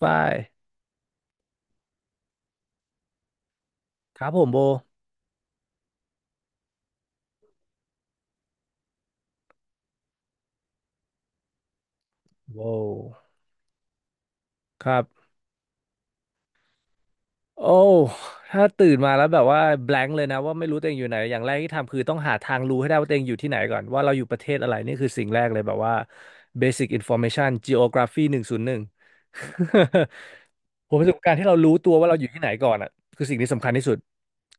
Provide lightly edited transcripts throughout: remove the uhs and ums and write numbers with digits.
ฝ้ายครับผมโบโว้วครับโอ้ถ้าตื่นมาแล้วแบบว่า blank เลยนะว่าไม่รู้ตัวเองอยู่ไหนอย่างแรกที่ทำคือต้องหาทางรู้ให้ได้ว่าตัวเองอยู่ที่ไหนก่อนว่าเราอยู่ประเทศอะไรนี่คือสิ่งแรกเลยแบบว่า basic information geography หนึ่งศูนย์หนึ่ง ผมรู้สึกว่าการที่เรารู้ตัวว่าเราอยู่ที่ไหนก่อนอ่ะคือสิ่งที่สำคัญที่สุด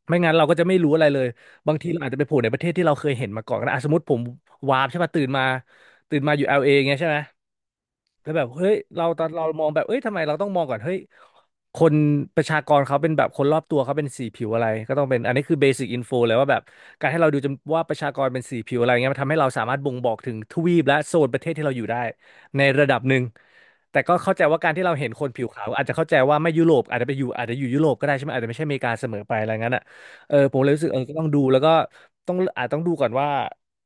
ไม่งั้นเราก็จะไม่รู้อะไรเลยบางทีเราอาจจะไปโผล่ในประเทศที่เราเคยเห็นมาก่อนก็ได้อ่ะสมมติผมวาร์ปใช่ป่ะตื่นมาตื่นมาอยู่ LA เออย่างเงี้ยใช่ไหม แล้วแบบเฮ้ยเราตอนเรามองแบบเอ้ยทำไมเราต้องมองก่อนเฮ้ย คนประชากรเขาเป็นแบบคนรอบตัวเขาเป็นสีผิวอะไรก็ต้องเป็นอันนี้คือเบสิ c อินโฟเลยว่าแบบการให้เราดูจำว่าประชากรเป็นสีผิวอะไรเงี้ยมันทำให้เราสามารถบ่งบอกถึงทวีปและโซนประเทศที่เราอยู่ได้ในระดับหนึ่งแต่ก็เข้าใจว่าการที่เราเห็นคนผิวขาวอาจจะเข้าใจว่าไม่ยุโรปอาจจะไปอยู่อาจจะอยู่ยุโรปก็ได้ใช่ไหมอาจจะไม่ใช่อเมริกาเสมอไปอะไรงั้นอ่ะเออผมเลยรู้สึกเออก็ต้องดูแล้วก็ต้องอาจต้องดูก่อนว่า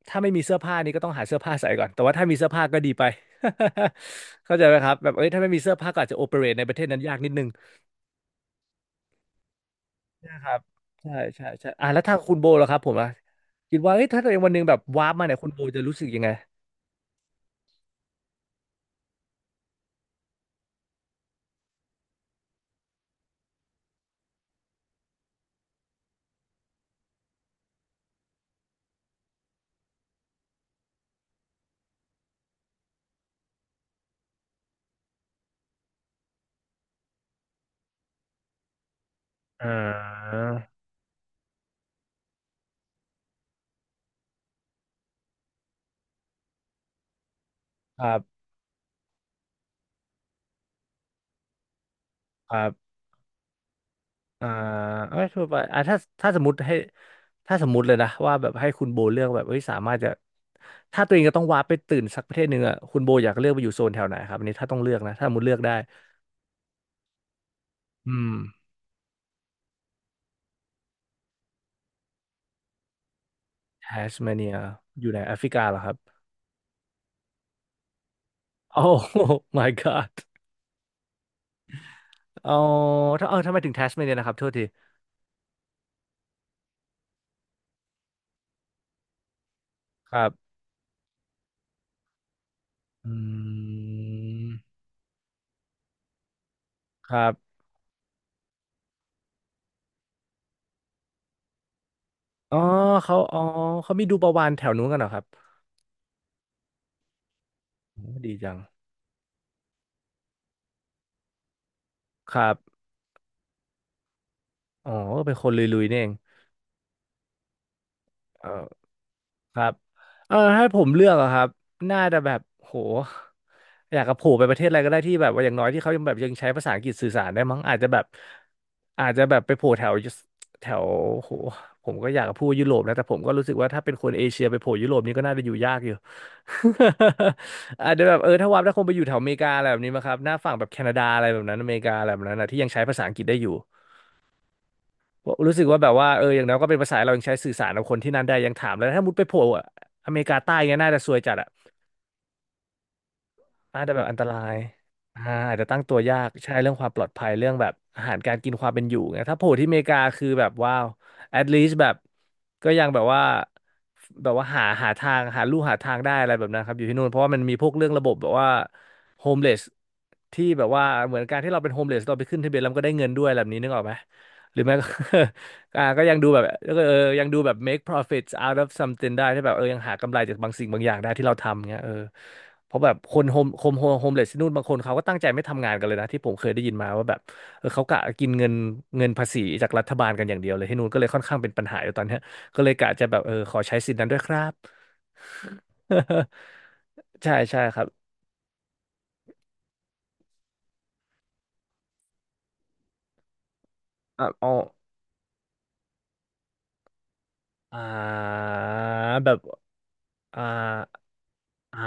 ถ้าไม่มีเสื้อผ้านี่ก็ต้องหาเสื้อผ้าใส่ก่อนแต่ว่าถ้ามีเสื้อผ้าก็ดีไป เข้าใจไหมครับแบบเอ้ยถ้าไม่มีเสื้อผ้าก็อาจจะโอเปเรตในประเทศนั้นยากนิดนึง นะครับใช่ใช่ใช่อ่ะแล้วทางคุณโบล่ะครับผมอ่ะคิดว่าเอ้ยถ้าตัวเองวันหนึงแบบวาร์ปมาเนี่ยคุณโบจะรู้สึกยังไงอ่าครับครับอ่าเอ้ยทั่วไปอ่าถ้าถ้าสมมติให้ถ้าสมมติเลยนะว่าแบบให้คุณโบเลือกแบบเฮ้ยสามารถจะถ้าตัวเองจะต้องวาร์ปไปตื่นสักประเทศหนึ่งอ่ะคุณโบอยากเลือกไปอยู่โซนแถวไหนครับอันนี้ถ้าต้องเลือกนะถ้าสมมติเลือกได้อืมแทสเมเนียอยู่ในแอฟริกาเหรอครับโอ้ my god อ๋อถ้าทำไมถึงแทสเมเนียนะครับโทษทีครับ อืมครับอ๋อเขาอ๋อเขามีดูประวานแถวนู้นกันเหรอครับโอ้ดีจังครับอ๋อเป็นคนลุยๆนี่เองเออ ครับเออให้ผมเลือกอะครับน่าจะแบบโหอยากกับโผล่ไปประเทศอะไรก็ได้ที่แบบว่าอย่างน้อยที่เขายังแบบยังใช้ภาษาอังกฤษสื่อสารได้มั้งอาจจะแบบอาจจะแบบไปโผล่แถวแถวโหผมก็อยากจะพูดยุโรปนะแต่ผมก็รู้สึกว่าถ้าเป็นคนเอเชียไปโผล่ยุโรปนี่ก็น่าจะอยู่ยากอยู่ อาจจะแบบถ้าวับถ้าคงไปอยู่แถวอเมริกาอะไรแบบนี้มั้งครับหน้าฝั่งแบบแคนาดาอะไรแบบนั้นอเมริกาอะไรแบบนั้นนะที่ยังใช้ภาษาอังกฤษได้อยู่ รู้สึกว่าแบบว่าเอออย่างน้อยก็เป็นภาษาเรายังใช้สื่อสารกับคนที่นั่นได้ยังถามเลยถ้ามุดไปโผล่อะอเมริกาใต้เงี้ยน่าจะซวยจัดอ่ะน่าจะแบบอันตรายอ่าอาจจะตั้งตัวยากใช่เรื่องความปลอดภัยเรื่องแบบอาหารการกินความเป็นอยู่ไงถ้าโผล่ที่อเมริกาคือแบบว้าว at least แบบก็ยังแบบว่าแบบว่าหาหาทางหาลู่หาทางได้อะไรแบบนั้นครับอยู่ที่นู่นเพราะว่ามันมีพวกเรื่องระบบแบบว่าโฮมเลสที่แบบว่าเหมือนการที่เราเป็นโฮมเลสเราไปขึ้นทะเบียนแล้วมันก็ได้เงินด้วยแบบนี้นึกออกไหมหรือไม่ก็ อ่าก็ยังดูแบบแล้วก็เออยังดูแบบ make profits out of something ได้ที่แบบเออยังหากำไรจากบางสิ่งบางอย่างได้ที่เราทำเงี้ยเออเพราะแบบคนโฮมเลสที่นู่นบางคนเขาก็ตั้งใจไม่ทำงานกันเลยนะที่ผมเคยได้ยินมาว่าแบบเออเขากะกินเงินเงินภาษีจากรัฐบาลกันอย่างเดียวเลยที่นู่นก็เลยค่อนข้างเป็นปัญหาอยู่ตอนเนี้ยก็เลยกะจะแบบเออขอใช้สิทธิ์นั้นด้วยครับ ใช่ใช่ครับอ่ะอ๋ออ่าแบบอ่าอ่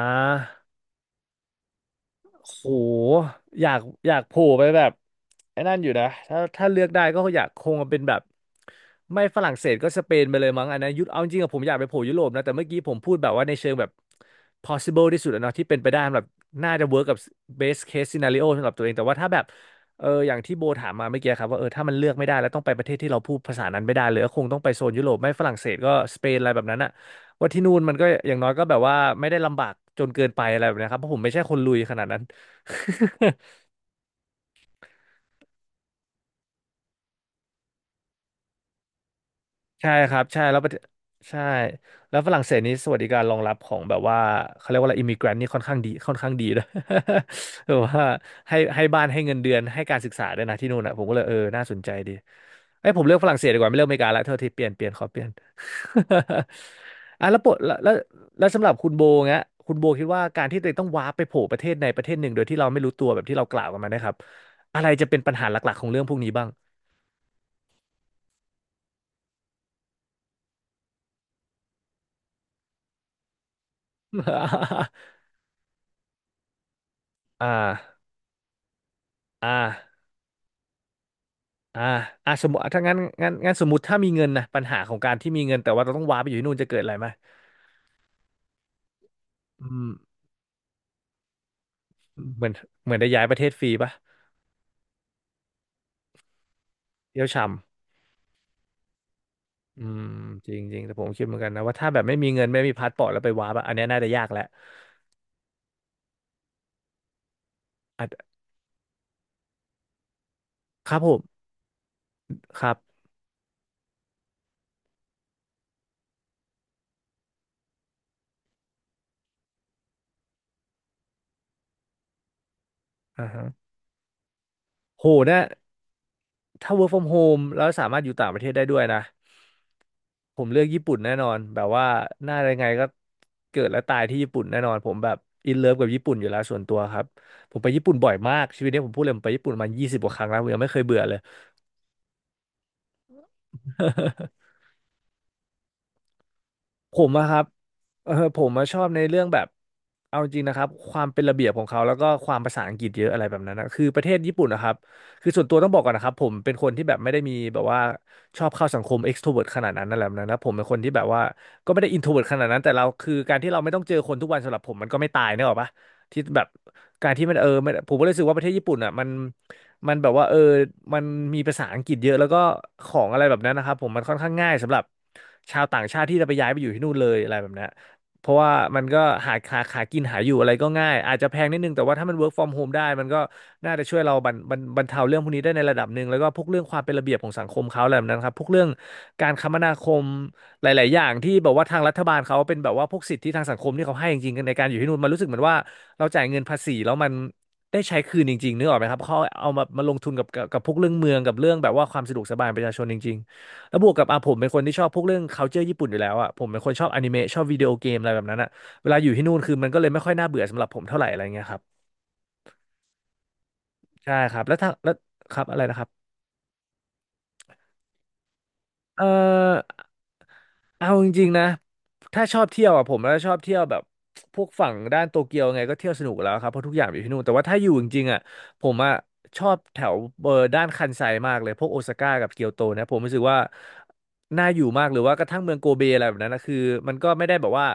า โหอยากโผล่ไปแบบไอ้นั่นอยู่นะถ้าเลือกได้ก็อยากคงเป็นแบบไม่ฝรั่งเศสก็สเปนไปเลยมั้งอันนั้นยุโรเอาจริงๆอะผมอยากไปโผล่ยุโรปนะแต่เมื่อกี้ผมพูดแบบว่าในเชิงแบบ possible ที่สุดอะเนาะที่เป็นไปได้แบบน่าจะ work กับ best case scenario สำหรับตัวเองแต่ว่าถ้าแบบอย่างที่โบถามมาเมื่อกี้ครับว่าเออถ้ามันเลือกไม่ได้แล้วต้องไปประเทศที่เราพูดภาษานั้นไม่ได้เลยก็คงต้องไปโซนยุโรปไม่ฝรั่งเศสก็สเปนอะไรแบบนั้นอะว่าที่นู่นมันก็อย่างน้อยก็แบบว่าไม่ได้ลำบากจนเกินไปอะไรแบบนี้ครับเพราะผมไม่ใช่คนลุยขนาดนั้น ใช่ครับใช่แล้วประเทศใช่แล้วฝรั่งเศสนี้สวัสดิการรองรับของแบบว่าเขาเรียกว่าอะไรอิมิเกรนนี่ค่อนข้างดีด้วย แบบว่าให้บ้านให้เงินเดือนให้การศึกษาด้วยนะที่นู่นอ่ะผมก็เลยเออน่าสนใจดีเอ้ยผมเลือกฝรั่งเศสดีกว่าไม่เลือกอเมริกาละเท่าที่เปลี่ยนขอเปลี่ยน อ่ะแล้วปะแล้วสำหรับคุณโบเงี้ยคุณโบคิดว่าการที่ตัวเองต้องว้าร์ปไปโผล่ประเทศในประเทศหนึ่งโดยที่เราไม่รู้ตัวแบบที่เรากล่าวกันมานะครับอะไรจะเป็นปัญหาหลักๆของเรื่องพวกนี้บ้าง อ่า อ่าอ่าสมมติถ้างั้นงั้นสมมติถ้ามีเงินนะปัญหาของการที่มีเงินแต่ว่าเราต้องว้าไปอยู่ที่นู่นจะเกิดอะไรไหมอืมเหมือนเหมือนได้ย้ายประเทศฟรีปะเที่ยวช่ำอืมจริงจริงแต่ผมคิดเหมือนกันนะว่าถ้าแบบไม่มีเงินไม่มีพาสปอร์ตแล้วไปว้าปะอันเนี้ยน่าจะยากแหละอาจครับผมครับ.อ่าฮะโหนะ ถ้า work from home แล้วสามารถอยู่ต่างประเทศได้ด้วยนะผมเลือกญี่ปุ่นแน่นอนแบบว่าหน้ายังไงก็เกิดและตายที่ญี่ปุ่นแน่นอนผมแบบอินเลิฟกับญี่ปุ่นอยู่แล้วส่วนตัวครับผมไปญี่ปุ่นบ่อยมากชีวิตนี้ผมพูดเลยผมไปญี่ปุ่นมา20 กว่าครั้งแล้วผมยังไม่เคยเบื่อเลย ผมอะครับผมมาชอบในเรื่องแบบเอาจริงนะครับความเป็นระเบียบของเขาแล้วก็ความภาษาอังกฤษเยอะอะไรแบบนั้นนะคือประเทศญี่ปุ่นนะครับคือส่วนตัวต้องบอกก่อนนะครับผมเป็นคนที่แบบไม่ได้มีแบบว่าชอบเข้าสังคม extrovert ขนาดนั้นอะไรแบบนั้นนะผมเป็นคนที่แบบว่าก็ไม่ได้ introvert ขนาดนั้นแต่เราคือการที่เราไม่ต้องเจอคนทุกวันสำหรับผมมันก็ไม่ตายเนกอะปะที่แบบการที่มันผมก็เลยรู้สึกว่าประเทศญี่ปุ่นอะมันแบบว่าเออมันมีภาษาอังกฤษเยอะแล้วก็ของอะไรแบบนั้นนะครับผมมันค่อนข้างง่ายสำหรับชาวต่างชาติที่จะไปย้ายไปอยู่ที่นู่นเลยอะไรแบบนี้นเพราะว่ามันก็หากินหาอยู่อะไรก็ง่ายอาจจะแพงนิดนึงแต่ว่าถ้ามัน work from home ได้มันก็น่าจะช่วยเราบรรเทาเรื่องพวกนี้ได้ในระดับหนึ่งแล้วก็พวกเรื่องความเป็นระเบียบของสังคมเขาอะไรแบบนั้นครับพวกเรื่องการคมนาคมหลายๆอย่างที่แบบว่าทางรัฐบาลเขาเป็นแบบว่าพวกสิทธิทางสังคมที่เขาให้จริงๆกันในการอยู่ที่นู่นมันรู้สึกเหมือนว่าเราจ่ายเงินภาษีแล้วมัน ได้ใช้คืนจริงๆนึกออกไหมครับเขาเอามามาลงทุนกับพวกเรื่องเมืองกับเรื่องแบบว่าความสะดวกสบายประชาชนจริงๆแล้วบวกกับอ่ะผมเป็นคนที่ชอบพวกเรื่อง culture ญี่ปุ่นอยู่แล้วอ่ะผมเป็นคนชอบอนิเมะชอบวิดีโอเกมอะไรแบบนั้นอ่ะเวลาอยู่ที่นู่นคือมันก็เลยไม่ค่อยน่าเบื่อสำหรับผมเท่าไหร่อะไรเงี้ยครับใช่ครับแล้วครับอะไรนะครับ เออเอาจริงๆนะถ้าชอบเที่ยวอ่ะผมแล้วชอบเที่ยวแบบพวกฝั่งด้านโตเกียวไงก็เที่ยวสนุกแล้วครับเพราะทุกอย่างอยู่ที่นู่นแต่ว่าถ้าอยู่จริงๆอ่ะผมอ่ะชอบแถวเบอร์ด้านคันไซมากเลยพวกโอซาก้ากับเกียวโตนะผมรู้สึกว่าน่าอยู่มากหรือว่ากระทั่งเมืองโกเบอะไรแบบนั้นนะคือมันก็ไม่ได้แบบว่า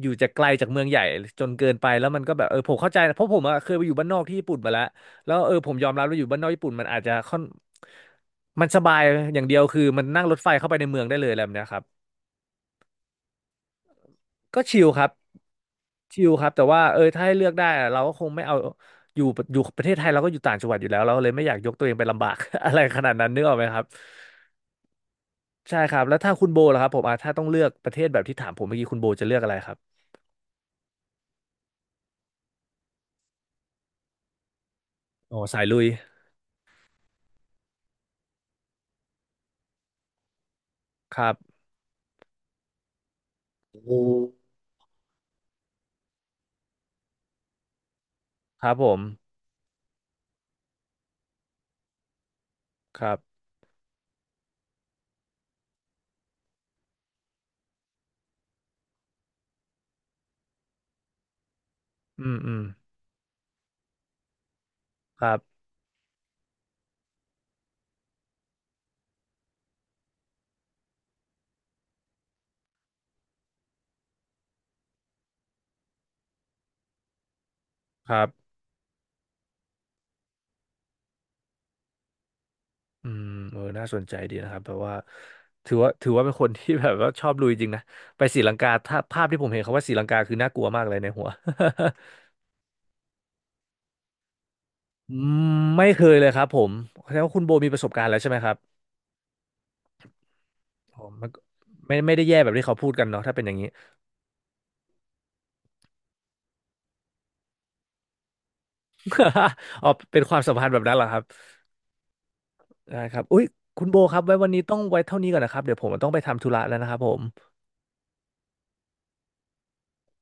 อยู่จากไกลจากเมืองใหญ่จนเกินไปแล้วมันก็แบบเออผมเข้าใจนะเพราะผมอ่ะเคยไปอยู่บ้านนอกที่ญี่ปุ่นมาแล้ว แล้วเออผมยอมรับว่าอยู่บ้านนอกญี่ปุ่นมันอาจจะค่อนมันสบายอย่างเดียวคือมันนั่งรถไฟเข้าไปในเมืองได้เลยอะไรแบบเนี้ยครับก็ชิลครับชิลครับแต่ว่าเออถ้าให้เลือกได้อะเราก็คงไม่เอาอยู่อยู่ประเทศไทยเราก็อยู่ต่างจังหวัดอยู่แล้วเราก็เลยไม่อยากยกตัวเองไปลำบาก อะไรขนาดนั้นนึกออกไหมครับใช่ครับแล้วถ้าคุณโบล่ะครับผมอ่ะถ้าต้องเลือกประเทศแบบที่ถามผมเมื่อกี้คุณโบจะเลือกอะไรครับอ๋อสายลุยครับโอ้ครับผมครับอืมอืมครับครับ อืมเออน่าสนใจดีนะครับแบบว่าถือว่าเป็นคนที่ แบบว่าชอบลุยจริงนะไปศรีลังกาถ้าภาพที่ผมเห็นเขาว่าศรีลังกาคือน่ากลัวมากเลยในหัว อืมไม่เคยเลยครับผมแสดงว่าคุณโบมีประสบการณ์แล้วใช่ไหมครับผมมันก็ไม่ได้แย่แบบที่เขาพูดกันเนาะถ้าเป็นอย่างนี้ อ๋อเป็นความสัมพันธ์แบบนั้นเหรอครับได้ครับอุ้ยคุณโบครับไว้วันนี้ต้องไว้เท่านี้ก่อนนะครับเดี๋ยวผมต้องไปทำธุระแล้วนะครับผม